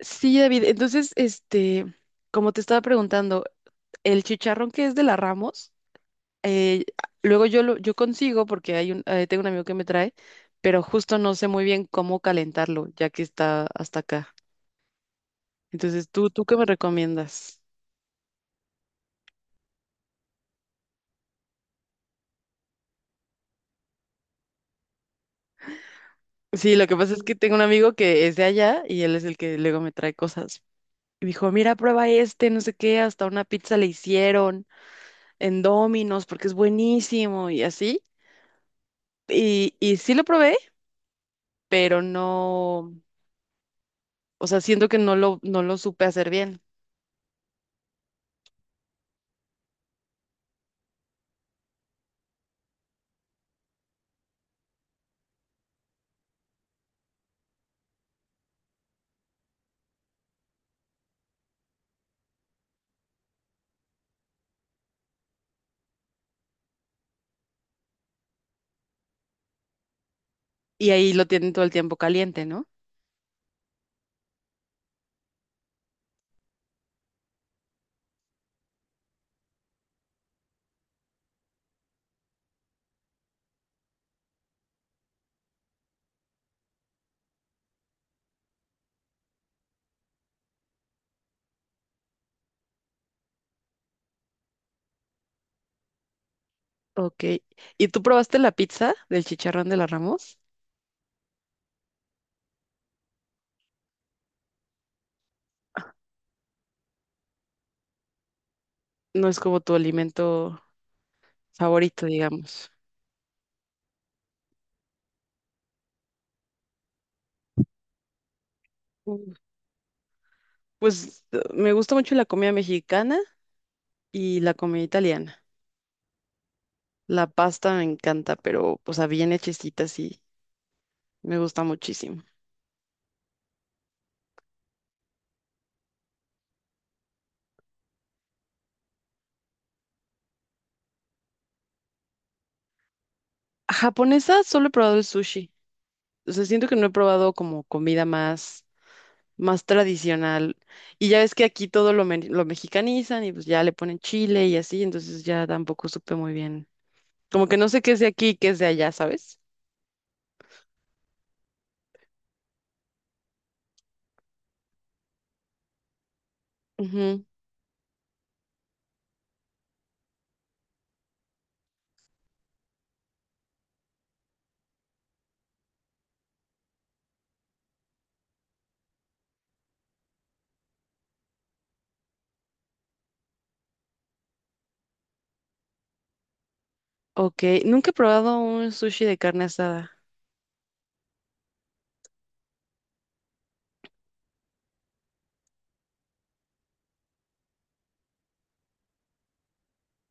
Sí, David. Entonces, como te estaba preguntando, el chicharrón que es de la Ramos, eh, luego yo consigo porque tengo un amigo que me trae, pero justo no sé muy bien cómo calentarlo, ya que está hasta acá. Entonces, ¿tú qué me recomiendas? Sí, lo que pasa es que tengo un amigo que es de allá y él es el que luego me trae cosas. Y me dijo, mira, prueba este, no sé qué, hasta una pizza le hicieron en Domino's porque es buenísimo y así. Y sí lo probé, pero no. O sea, siento que no lo supe hacer bien. Y ahí lo tienen todo el tiempo caliente, ¿no? Ok. ¿Y tú probaste la pizza del chicharrón de la Ramos? No es como tu alimento favorito, digamos. Mm. Pues me gusta mucho la comida mexicana y la comida italiana. La pasta me encanta, pero, o sea, bien hechecita, sí, me gusta muchísimo. Japonesa solo he probado el sushi. O sea, siento que no he probado como comida más tradicional. Y ya ves que aquí todo lo mexicanizan y pues ya le ponen chile y así, entonces ya tampoco supe muy bien. Como que no sé qué es de aquí y qué es de allá, ¿sabes? Ujú. Ok, nunca he probado un sushi de carne asada.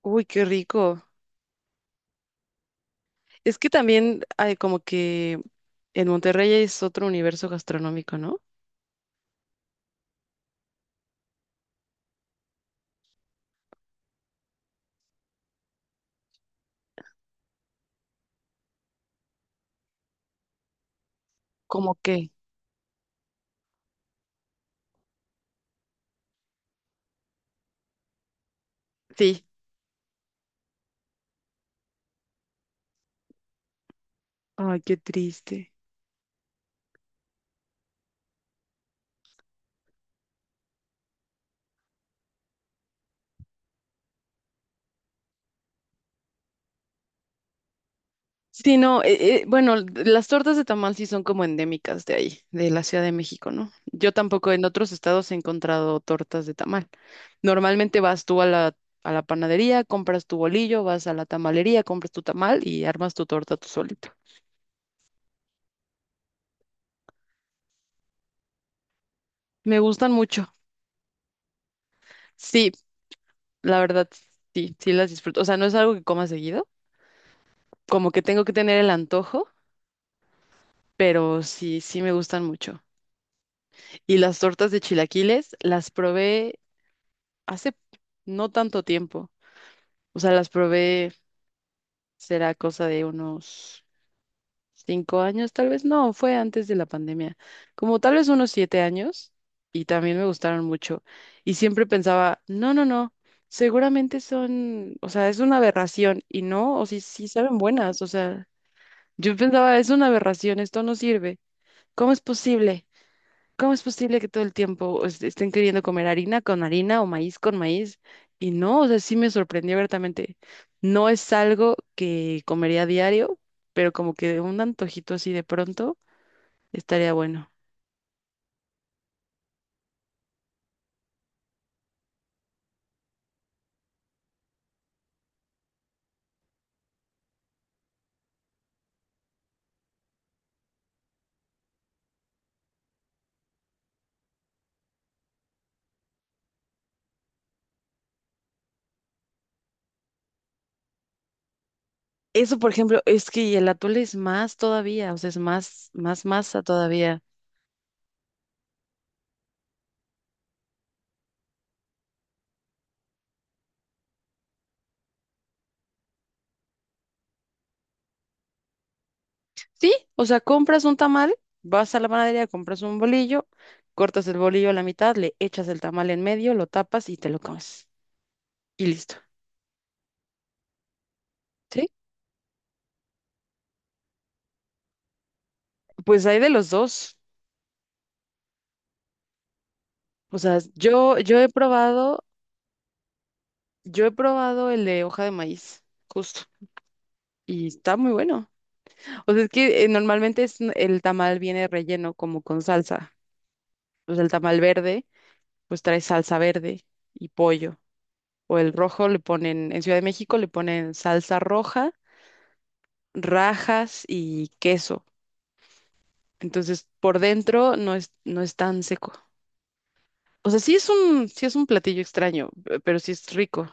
Uy, qué rico. Es que también hay como que en Monterrey es otro universo gastronómico, ¿no? ¿Cómo qué? Sí. Ay, qué triste. Sí, no, bueno, las tortas de tamal sí son como endémicas de ahí, de la Ciudad de México, ¿no? Yo tampoco en otros estados he encontrado tortas de tamal. Normalmente vas tú a la panadería, compras tu bolillo, vas a la tamalería, compras tu tamal y armas tu torta tú solito. Me gustan mucho. Sí, la verdad, sí, sí las disfruto. O sea, no es algo que coma seguido, como que tengo que tener el antojo, pero sí, sí me gustan mucho. Y las tortas de chilaquiles las probé hace no tanto tiempo. O sea, las probé, será cosa de unos 5 años, tal vez no, fue antes de la pandemia, como tal vez unos 7 años, y también me gustaron mucho. Y siempre pensaba, no, no, no, seguramente son, o sea, es una aberración, y no, o sí, sí saben buenas, o sea, yo pensaba, es una aberración, esto no sirve, ¿cómo es posible? ¿Cómo es posible que todo el tiempo estén queriendo comer harina con harina o maíz con maíz? Y no, o sea, sí me sorprendió abiertamente. No es algo que comería a diario, pero como que un antojito así de pronto estaría bueno. Eso, por ejemplo, es que y el atole es más todavía, o sea, más masa todavía. Sí, o sea, compras un tamal, vas a la panadería, compras un bolillo, cortas el bolillo a la mitad, le echas el tamal en medio, lo tapas y te lo comes. Y listo. ¿Sí? Pues hay de los dos. O sea, yo he probado el de hoja de maíz, justo, y está muy bueno. O sea, es que normalmente el tamal viene relleno como con salsa. Pues el tamal verde, pues trae salsa verde y pollo. O el rojo le ponen, en Ciudad de México le ponen salsa roja, rajas y queso. Entonces, por dentro no es tan seco. O sea, sí es un platillo extraño, pero sí es rico.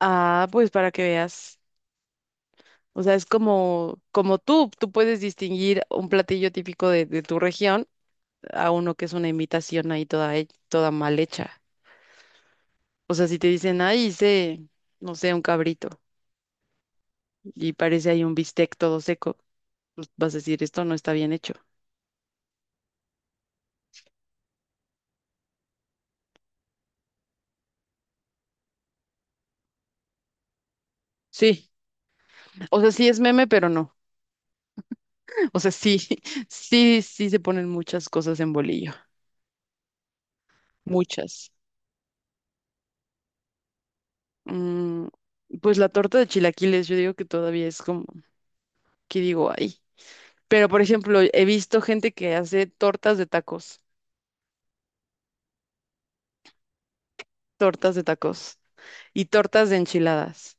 Ah, pues para que veas. O sea, es como, como tú puedes distinguir un platillo típico de tu región a uno que es una imitación ahí toda, toda mal hecha. O sea, si te dicen, ay, hice, no sé, un cabrito y parece ahí un bistec todo seco, pues vas a decir, esto no está bien hecho. Sí, o sea, sí es meme, pero no. O sea, sí, sí, sí se ponen muchas cosas en bolillo, muchas. Mm, pues la torta de chilaquiles, yo digo que todavía es como, que digo, ay. Pero, por ejemplo, he visto gente que hace tortas de tacos y tortas de enchiladas.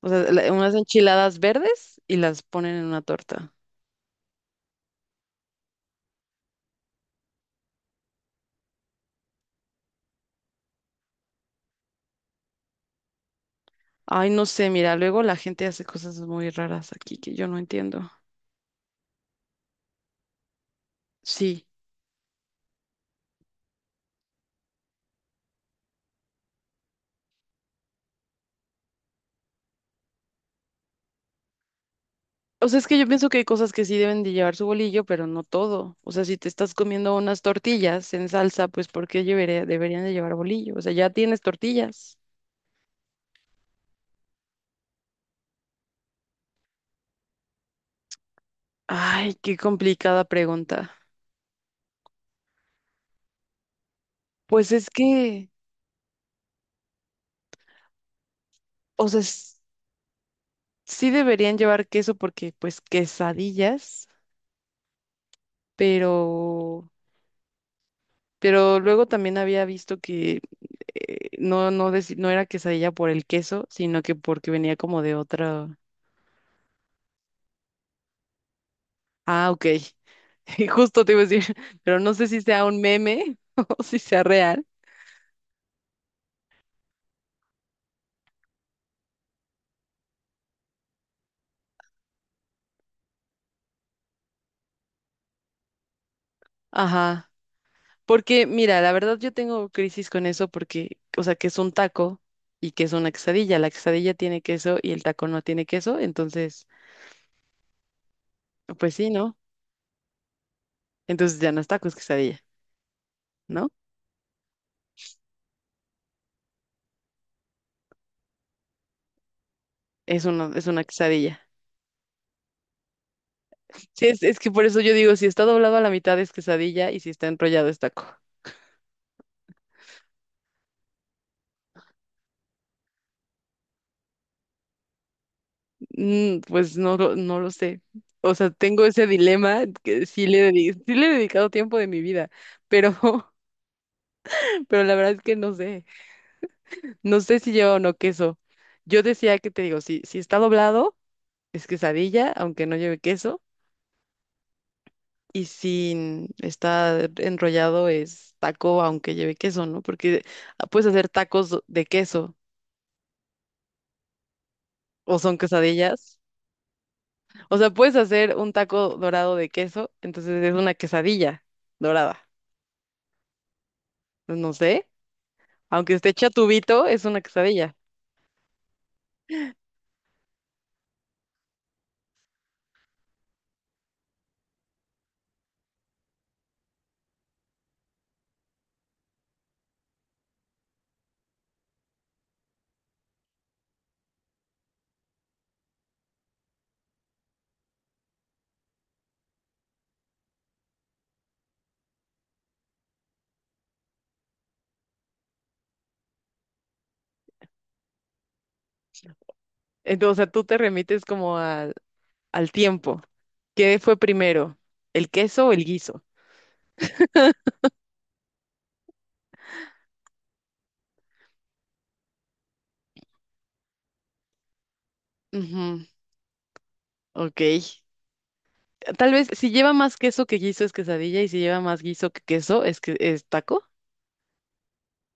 O sea, unas enchiladas verdes y las ponen en una torta. Ay, no sé, mira, luego la gente hace cosas muy raras aquí que yo no entiendo. Sí. O sea, es que yo pienso que hay cosas que sí deben de llevar su bolillo, pero no todo. O sea, si te estás comiendo unas tortillas en salsa, pues ¿por qué deberían de llevar bolillo? O sea, ya tienes tortillas. Ay, qué complicada pregunta. Pues es que, o sea, sí deberían llevar queso porque pues quesadillas, pero luego también había visto que no era quesadilla por el queso, sino que porque venía como de otra. Ah, ok. Y justo te iba a decir, pero no sé si sea un meme o si sea real. Ajá. Porque mira, la verdad yo tengo crisis con eso porque o sea, que es un taco y que es una quesadilla. La quesadilla tiene queso y el taco no tiene queso, entonces pues sí, ¿no? Entonces ya no es taco, es quesadilla. ¿No? Es una quesadilla. Sí, es que por eso yo digo, si está doblado a la mitad es quesadilla y si está enrollado es taco. Mm, pues no, no lo sé. O sea, tengo ese dilema que sí le he dedicado tiempo de mi vida, pero, pero la verdad es que no sé. No sé si lleva o no queso. Yo decía que te digo, si está doblado es quesadilla, aunque no lleve queso, y si está enrollado es taco, aunque lleve queso, ¿no? Porque puedes hacer tacos de queso. O son quesadillas. O sea, puedes hacer un taco dorado de queso, entonces es una quesadilla dorada. Pues no sé, aunque esté chatubito, es una quesadilla. Entonces, o sea, tú te remites como al tiempo. ¿Qué fue primero? ¿El queso o el guiso? Ujú, ok. Tal vez si lleva más queso que guiso es quesadilla y si lleva más guiso que queso es que es taco.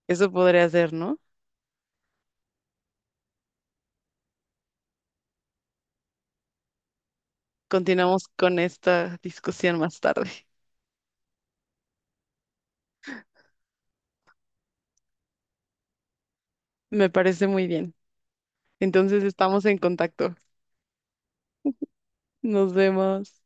Eso podría ser, ¿no? Continuamos con esta discusión más tarde. Me parece muy bien. Entonces estamos en contacto. Nos vemos.